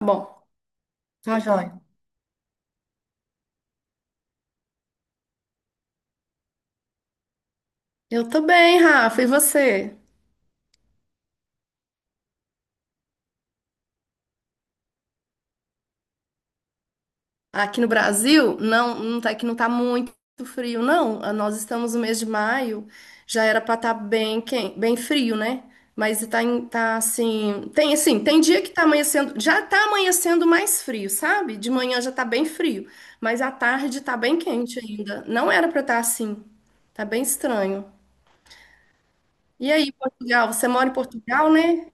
Tá bom. Tá joia. Eu tô bem, Rafa, e você? Aqui no Brasil, não, não tá, que não tá muito frio, não. Ah, nós estamos no mês de maio, já era pra estar bem frio, né? Mas tá, tá assim, tem dia que tá amanhecendo, já tá amanhecendo mais frio, sabe? De manhã já tá bem frio, mas à tarde tá bem quente ainda. Não era pra estar assim. Tá bem estranho. E aí, Portugal, você mora em Portugal, né?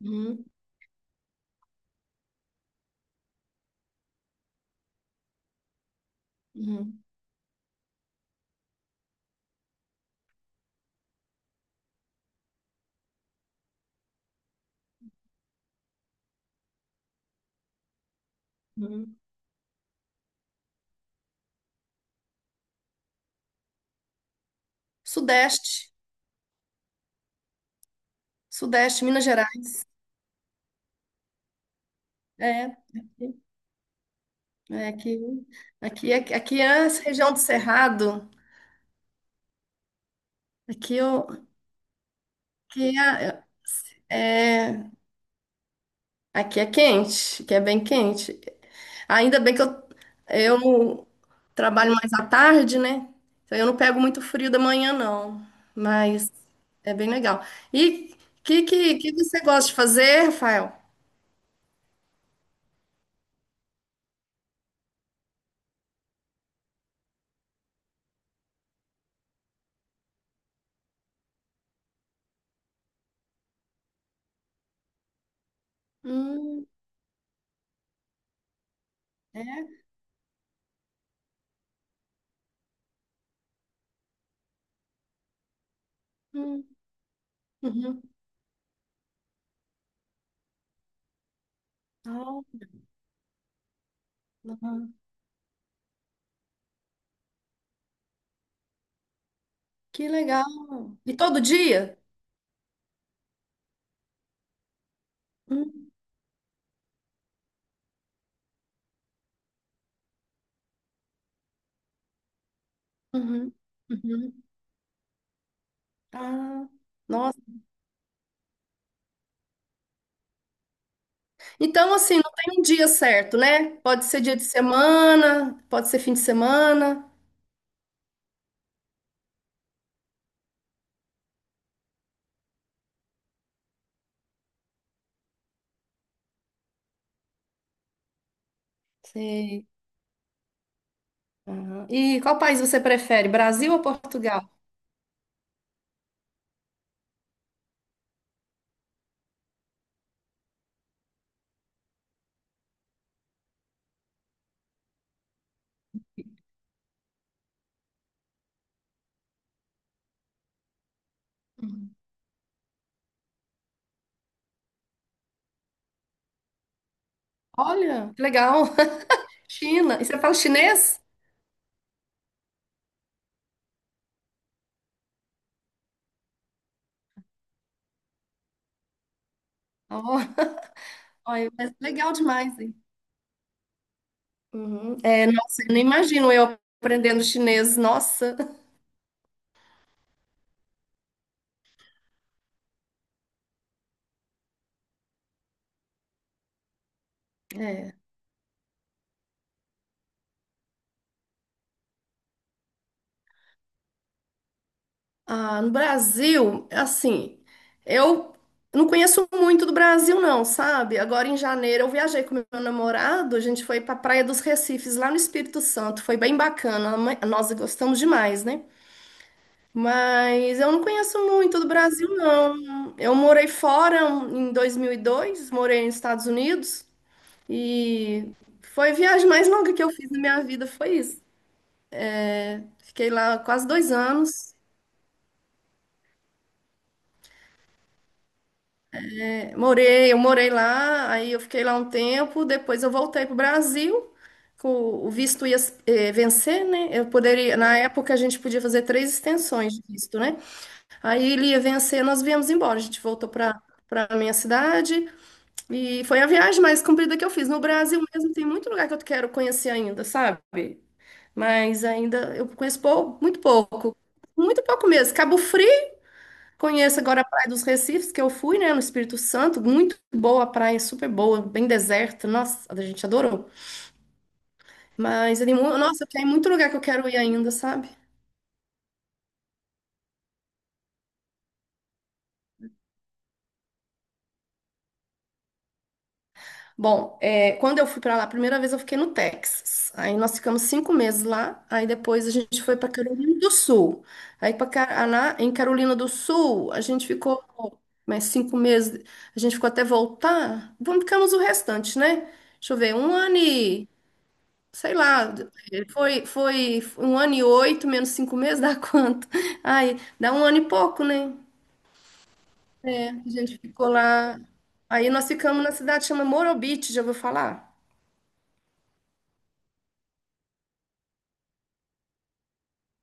Uhum, uhum, uhum. Sudeste. Sudeste, Minas Gerais. É, é aqui, aqui é essa região do Cerrado. Aqui, eu, aqui, é, é- Aqui é quente, aqui é bem quente. Ainda bem que eu trabalho mais à tarde, né? Então eu não pego muito frio da manhã, não. Mas é bem legal. E o que você gosta de fazer, Rafael? Hum, é? Hum, uhum. Ah, ah, que legal. E todo dia? Uhum, uhum. Ah, nossa. Então, assim, não tem um dia certo, né? Pode ser dia de semana, pode ser fim de semana. Sei. Aham. E qual país você prefere, Brasil ou Portugal? Uhum. Olha, que legal. China. E você fala chinês? Ó, Olha, mas legal demais, hein? Uhum. É, nossa, eu nem imagino eu aprendendo chinês. Nossa. É. Ah, no Brasil, assim, eu não conheço muito do Brasil, não, sabe? Agora em janeiro eu viajei com meu namorado, a gente foi para Praia dos Recifes, lá no Espírito Santo, foi bem bacana, nós gostamos demais, né? Mas eu não conheço muito do Brasil, não. Eu morei fora em 2002, morei nos Estados Unidos, e foi a viagem mais longa que eu fiz na minha vida, foi isso. Fiquei lá quase 2 anos. Eu morei lá, aí eu fiquei lá um tempo, depois eu voltei para o Brasil, com o visto ia vencer, né? Na época a gente podia fazer três extensões de visto, né? Aí ele ia vencer, nós viemos embora, a gente voltou para minha cidade, e foi a viagem mais comprida que eu fiz. No Brasil mesmo tem muito lugar que eu quero conhecer ainda, sabe? Mas ainda eu conheço muito pouco mesmo. Cabo Frio. Conheço agora a Praia dos Recifes, que eu fui, né, no Espírito Santo. Muito boa a praia, super boa, bem deserta. Nossa, a gente adorou. Mas, é nossa, tem muito lugar que eu quero ir ainda, sabe? Bom, é, quando eu fui pra lá, a primeira vez eu fiquei no Texas. Aí nós ficamos 5 meses lá. Aí depois a gente foi pra Carolina do Sul. Aí para Caraná, em Carolina do Sul, a gente ficou mais 5 meses. A gente ficou até voltar. Vamos Ficamos o restante, né? Deixa eu ver, um ano e sei lá, foi, um ano e oito, menos 5 meses, dá quanto? Ai dá um ano e pouco, né? É, a gente ficou lá. Aí nós ficamos na cidade que chama Morro Beach, já ouviu falar?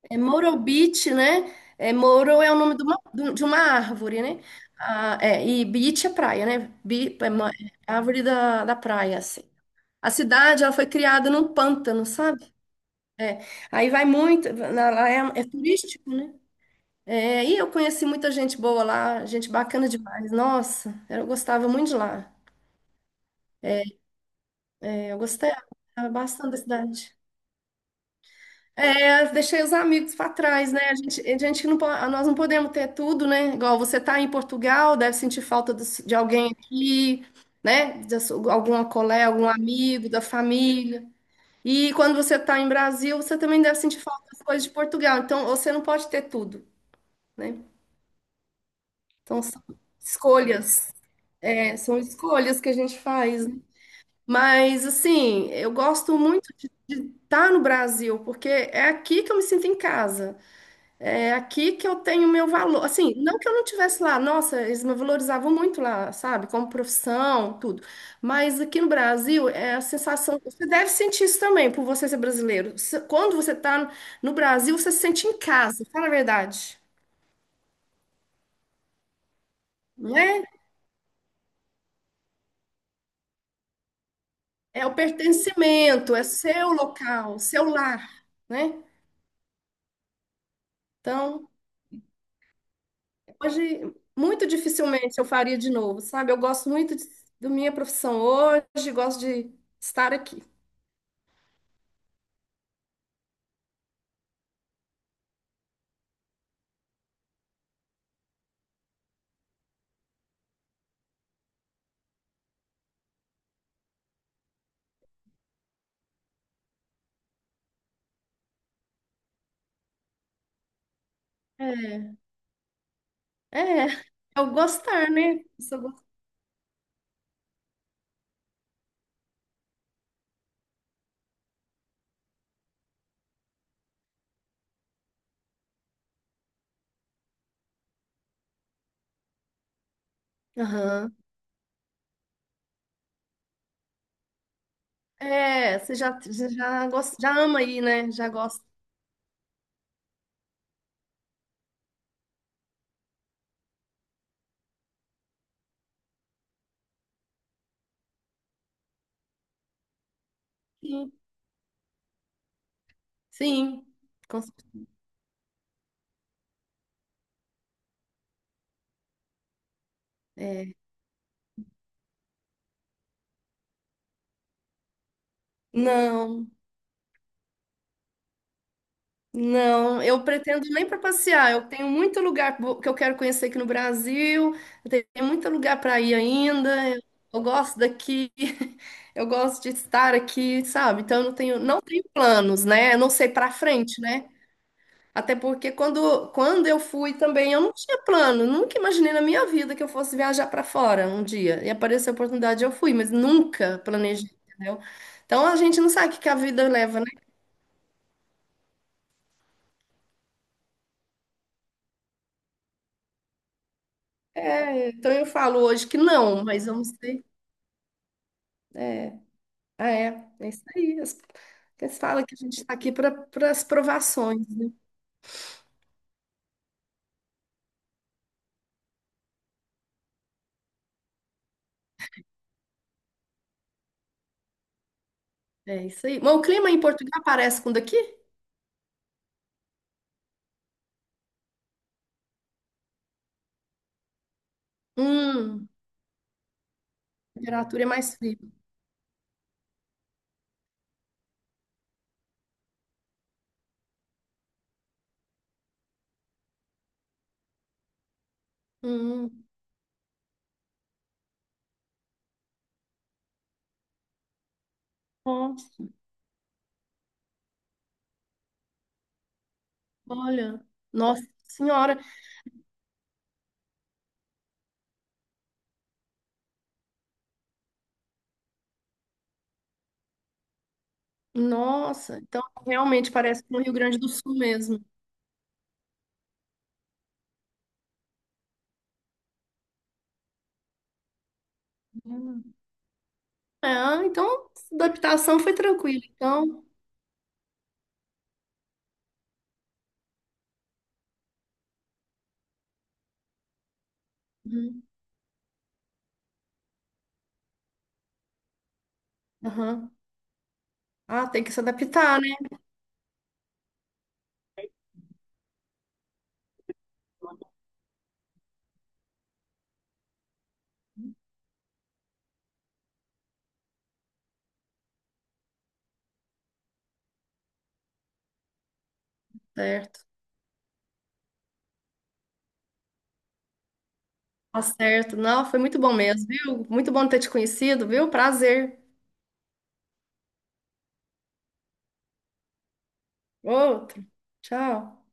É Morro Beach, né? É, Morro é o nome de uma árvore, né? Ah, é, e Beach é praia, né? É é árvore da praia, assim. A cidade, ela foi criada num pântano, sabe? É. Aí vai muito, lá é turístico, né? É, e eu conheci muita gente boa lá, gente bacana demais. Nossa, eu gostava muito de lá. É, eu gostei bastante da cidade. É, deixei os amigos para trás, né? A gente não, po- Nós não podemos ter tudo, né? Igual você tá em Portugal, deve sentir falta de alguém aqui, né? De alguma colega, algum amigo da família. E quando você tá em Brasil, você também deve sentir falta das coisas de Portugal. Então, você não pode ter tudo, né? Então, são escolhas. É, são escolhas que a gente faz, né? Mas, assim, eu gosto muito de estar no Brasil, porque é aqui que eu me sinto em casa. É aqui que eu tenho meu valor. Assim, não que eu não tivesse lá, nossa, eles me valorizavam muito lá, sabe? Como profissão, tudo. Mas aqui no Brasil, é a sensação. Você deve sentir isso também, por você ser brasileiro. Quando você está no Brasil, você se sente em casa, fala a verdade, né? É o pertencimento, é seu local, seu lar, né? Então, hoje, muito dificilmente eu faria de novo, sabe? Eu gosto muito da minha profissão hoje, gosto de estar aqui. É, é, é o gostar, né? Isso eu gosto. Aham. É, você já, gosta, já ama aí, né? Já gosta. Sim, sim, com certeza. Não. Não, eu pretendo nem para passear. Eu tenho muito lugar que eu quero conhecer aqui no Brasil. Eu tenho muito lugar para ir ainda. Eu gosto daqui. Eu gosto de estar aqui, sabe? Então eu não tenho planos, né? Eu não sei para frente, né? Até porque quando eu fui também, eu não tinha plano. Nunca imaginei na minha vida que eu fosse viajar para fora um dia. E apareceu a oportunidade, eu fui, mas nunca planejei, entendeu? Então a gente não sabe o que que a vida leva. É, então eu falo hoje que não, mas vamos ter. É, ah, é isso aí. Eles falam que a gente está aqui para as provações, né? É isso aí. Mas o clima em Portugal parece com o daqui? Hum, a temperatura é mais fria. Hum, Nossa, olha, nossa senhora, nossa. Então realmente parece com o Rio Grande do Sul mesmo. Hum. É, ah, então adaptação foi tranquila. Então, uhum, aham. Ah, tem que se adaptar, né? Certo. Tá certo. Não, foi muito bom mesmo, viu? Muito bom ter te conhecido, viu? Prazer. Outro. Tchau.